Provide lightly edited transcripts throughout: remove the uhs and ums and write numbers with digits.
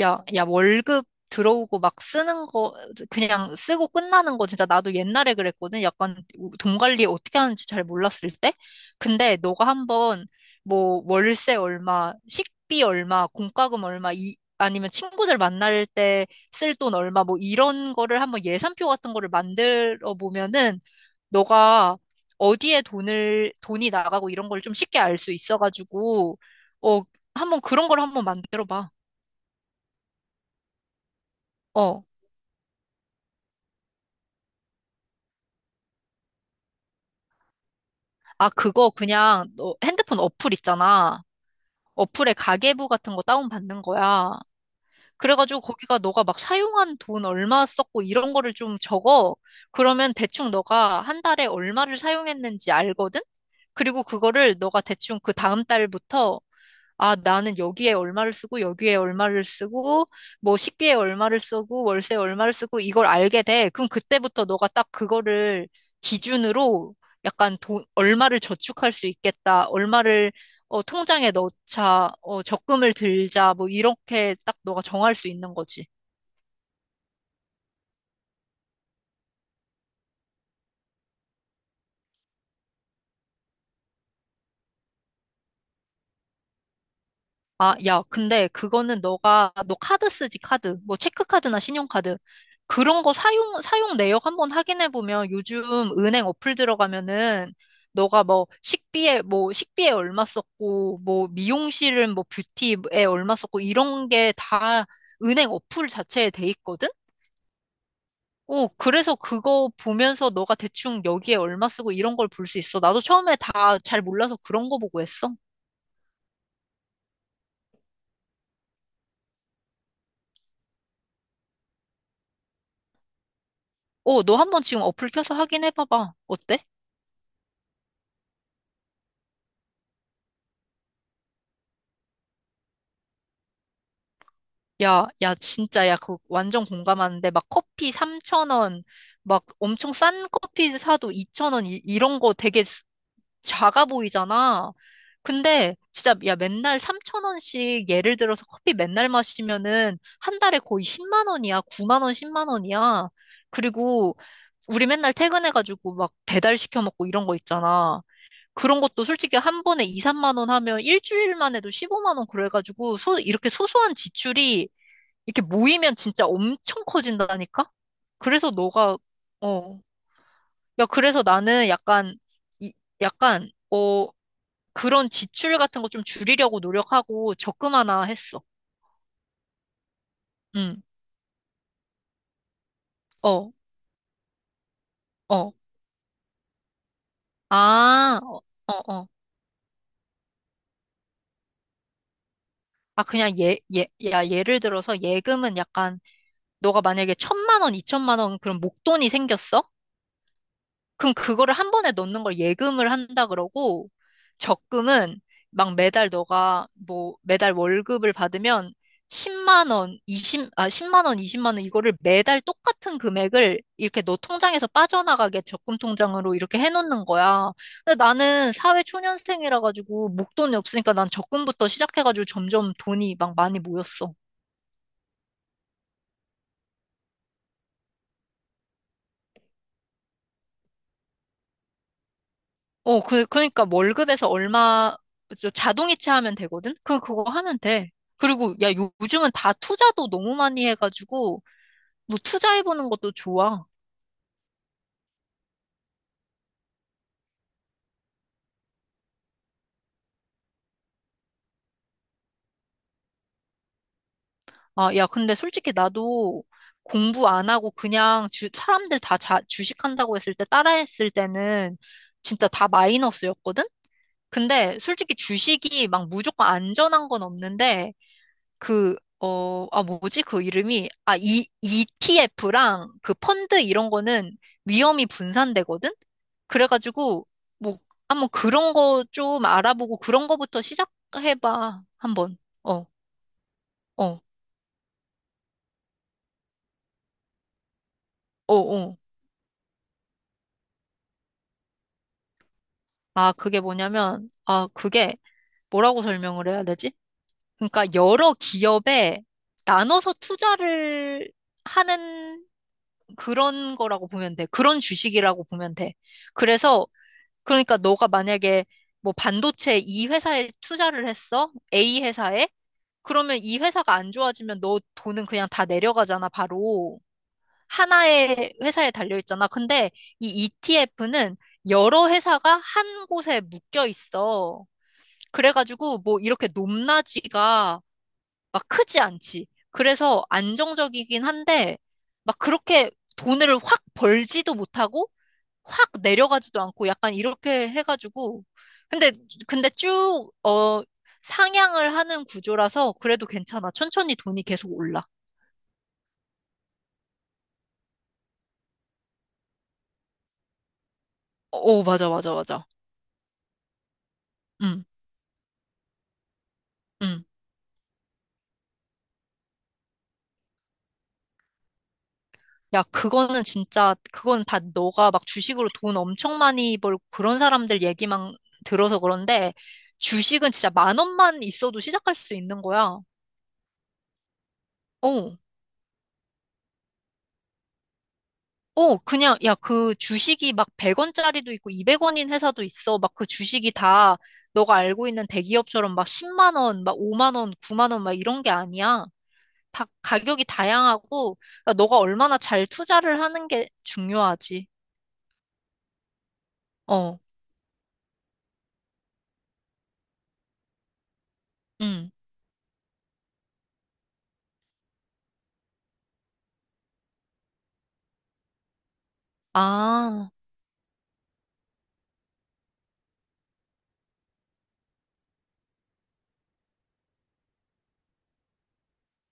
야, 야, 월급 들어오고 막 쓰는 거, 그냥 쓰고 끝나는 거 진짜 나도 옛날에 그랬거든. 약간 돈 관리 어떻게 하는지 잘 몰랐을 때. 근데 너가 한번 뭐 월세 얼마, 식비 얼마, 공과금 얼마, 이, 아니면 친구들 만날 때 쓸 돈 얼마, 뭐 이런 거를 한번 예산표 같은 거를 만들어 보면은 너가 어디에 돈이 나가고 이런 걸 좀 쉽게 알 수 있어가지고, 어, 한번 그런 걸 한번 만들어 봐. 어. 아, 그거 그냥 너 핸드폰 어플 있잖아. 어플에 가계부 같은 거 다운받는 거야. 그래가지고 거기가 너가 막 사용한 돈 얼마 썼고 이런 거를 좀 적어. 그러면 대충 너가 한 달에 얼마를 사용했는지 알거든? 그리고 그거를 너가 대충 그 다음 달부터 아, 나는 여기에 얼마를 쓰고, 여기에 얼마를 쓰고, 뭐 식비에 얼마를 쓰고, 월세에 얼마를 쓰고, 이걸 알게 돼. 그럼 그때부터 너가 딱 그거를 기준으로 약간 돈, 얼마를 저축할 수 있겠다, 얼마를 어, 통장에 넣자, 어, 적금을 들자, 뭐 이렇게 딱 너가 정할 수 있는 거지. 아, 야, 근데 그거는 너 카드 쓰지, 카드. 뭐, 체크카드나 신용카드. 그런 거 사용 내역 한번 확인해보면 요즘 은행 어플 들어가면은 너가 뭐 식비에 얼마 썼고, 뭐 미용실은 뭐 뷰티에 얼마 썼고, 이런 게 다 은행 어플 자체에 돼 있거든? 어, 그래서 그거 보면서 너가 대충 여기에 얼마 쓰고 이런 걸 볼 수 있어. 나도 처음에 다 잘 몰라서 그런 거 보고 했어. 어, 너 한번 지금 어플 켜서 확인해봐봐. 어때? 야, 야, 진짜, 야, 그 완전 공감하는데, 막 커피 3천원 막 엄청 싼 커피 사도 2천원 이런 거 되게 작아 보이잖아. 근데, 진짜, 야, 맨날 3천원씩 예를 들어서 커피 맨날 마시면은, 한 달에 거의 10만 원이야. 9만 원, 10만 원이야. 그리고, 우리 맨날 퇴근해가지고, 막 배달 시켜 먹고 이런 거 있잖아. 그런 것도 솔직히 한 번에 2, 3만 원 하면 일주일만 해도 15만 원 그래가지고, 이렇게 소소한 지출이 이렇게 모이면 진짜 엄청 커진다니까? 그래서 너가, 어, 야, 그래서 나는 약간, 이, 약간, 어, 그런 지출 같은 거 좀 줄이려고 노력하고 적금 하나 했어. 응, 어, 어. 아, 어, 어. 어. 아, 그냥 예, 예, 야, 예를 들어서 예금은 약간, 너가 만약에 1,000만 원, 2,000만 원 그런 목돈이 생겼어? 그럼 그거를 한 번에 넣는 걸 예금을 한다 그러고, 적금은 막 매달 너가 뭐 매달 월급을 받으면 10만 원, 20, 아, 10만 원, 20만 원 이거를 매달 똑같은 금액을 이렇게 너 통장에서 빠져나가게 적금 통장으로 이렇게 해놓는 거야. 근데 나는 사회 초년생이라 가지고 목돈이 없으니까 난 적금부터 시작해가지고 점점 돈이 막 많이 모였어. 어, 그러니까 뭐 월급에서 얼마 저 자동이체 하면 되거든? 그거 하면 돼. 그리고 야, 요즘은 다 투자도 너무 많이 해가지고 너 투자해보는 것도 좋아. 아, 야, 근데 솔직히 나도 공부 안 하고 그냥 사람들 다 주식한다고 했을 때 따라했을 때는 진짜 다 마이너스였거든? 근데 솔직히 주식이 막 무조건 안전한 건 없는데 그, 어, 아, 뭐지? 그 이름이, 아, 이, ETF랑 그 펀드 이런 거는 위험이 분산되거든? 그래가지고, 뭐, 한번 그런 거 좀 알아보고 그런 거부터 시작해봐. 한번. 어, 어, 어, 어. 아, 그게 뭐냐면, 아, 그게 뭐라고 설명을 해야 되지? 그러니까 여러 기업에 나눠서 투자를 하는 그런 거라고 보면 돼. 그런 주식이라고 보면 돼. 그래서, 그러니까 너가 만약에 뭐 반도체 이 회사에 투자를 했어? A 회사에? 그러면 이 회사가 안 좋아지면 너 돈은 그냥 다 내려가잖아, 바로. 하나의 회사에 달려 있잖아. 근데 이 ETF는 여러 회사가 한 곳에 묶여 있어. 그래가지고 뭐 이렇게 높낮이가 막 크지 않지. 그래서 안정적이긴 한데 막 그렇게 돈을 확 벌지도 못하고 확 내려가지도 않고 약간 이렇게 해가지고 근데 근데 쭉 어 상향을 하는 구조라서 그래도 괜찮아. 천천히 돈이 계속 올라. 오, 맞아, 맞아, 맞아. 응, 응. 야, 그거는 진짜, 그건 다 너가 막 주식으로 돈 엄청 많이 벌고 그런 사람들 얘기만 들어서 그런데 주식은 진짜 1만 원만 있어도 시작할 수 있는 거야. 어. 어, 그냥, 야, 그 주식이 막 100원짜리도 있고 200원인 회사도 있어. 막 그 주식이 다 너가 알고 있는 대기업처럼 막 10만 원, 막 5만 원, 9만 원 막 이런 게 아니야. 다 가격이 다양하고, 그러니까 너가 얼마나 잘 투자를 하는 게 중요하지. 어, 응. 아,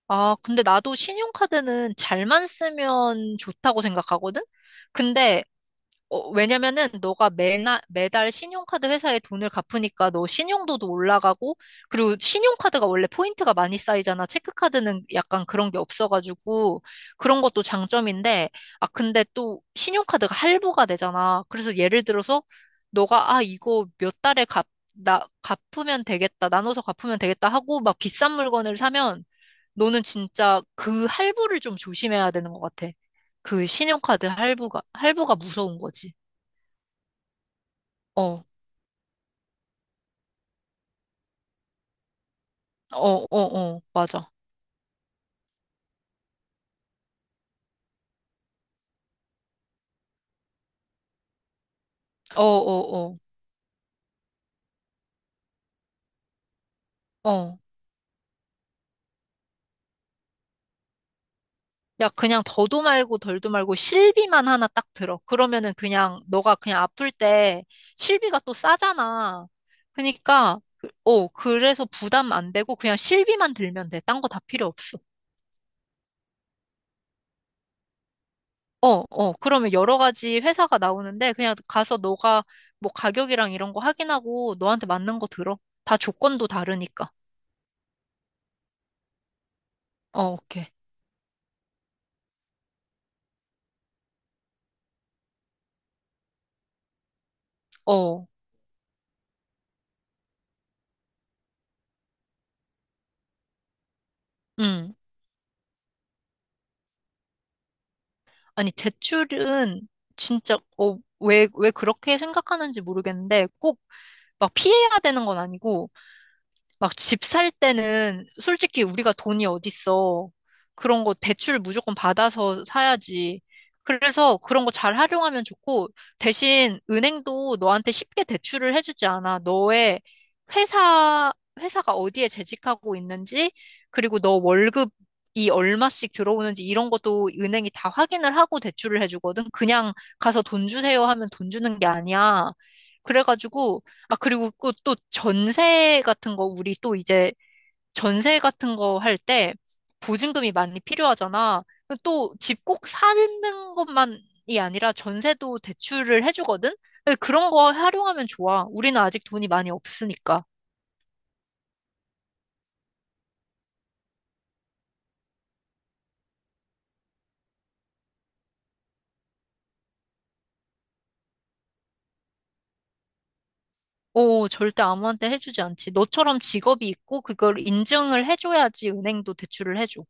아, 근데 나도 신용카드는 잘만 쓰면 좋다고 생각하거든? 근데 어, 왜냐면은 너가 매달 신용카드 회사에 돈을 갚으니까 너 신용도도 올라가고, 그리고 신용카드가 원래 포인트가 많이 쌓이잖아. 체크카드는 약간 그런 게 없어가지고, 그런 것도 장점인데, 아, 근데 또 신용카드가 할부가 되잖아. 그래서 예를 들어서 너가, 아, 이거 몇 달에 갚, 나, 갚으면 되겠다. 나눠서 갚으면 되겠다 하고 막 비싼 물건을 사면 너는 진짜 그 할부를 좀 조심해야 되는 것 같아. 그 신용카드 할부가 무서운 거지. 어, 어, 어, 어, 맞아. 어, 어, 어, 어. 야, 그냥 더도 말고 덜도 말고 실비만 하나 딱 들어. 그러면은 그냥 너가 그냥 아플 때 실비가 또 싸잖아. 그러니까, 어, 그래서 부담 안 되고 그냥 실비만 들면 돼. 딴 거 다 필요 없어. 어, 어, 그러면 여러 가지 회사가 나오는데 그냥 가서 너가 뭐 가격이랑 이런 거 확인하고 너한테 맞는 거 들어. 다 조건도 다르니까. 어, 오케이. 어, 응. 아니, 대출은 진짜, 어, 왜 그렇게 생각하는지 모르겠는데, 꼭 막 피해야 되는 건 아니고, 막 집 살 때는 솔직히 우리가 돈이 어딨어. 그런 거 대출 무조건 받아서 사야지. 그래서 그런 거 잘 활용하면 좋고, 대신 은행도 너한테 쉽게 대출을 해주지 않아. 너의 회사, 회사가 어디에 재직하고 있는지, 그리고 너 월급이 얼마씩 들어오는지 이런 것도 은행이 다 확인을 하고 대출을 해주거든. 그냥 가서 돈 주세요 하면 돈 주는 게 아니야. 그래가지고, 아, 그리고 그 또 전세 같은 거, 우리 또 이제 전세 같은 거 할 때 보증금이 많이 필요하잖아. 또 집 꼭 사는 것만이 아니라 전세도 대출을 해주거든? 근데 그런 거 활용하면 좋아. 우리는 아직 돈이 많이 없으니까. 오, 절대 아무한테 해주지 않지. 너처럼 직업이 있고 그걸 인증을 해줘야지 은행도 대출을 해줘.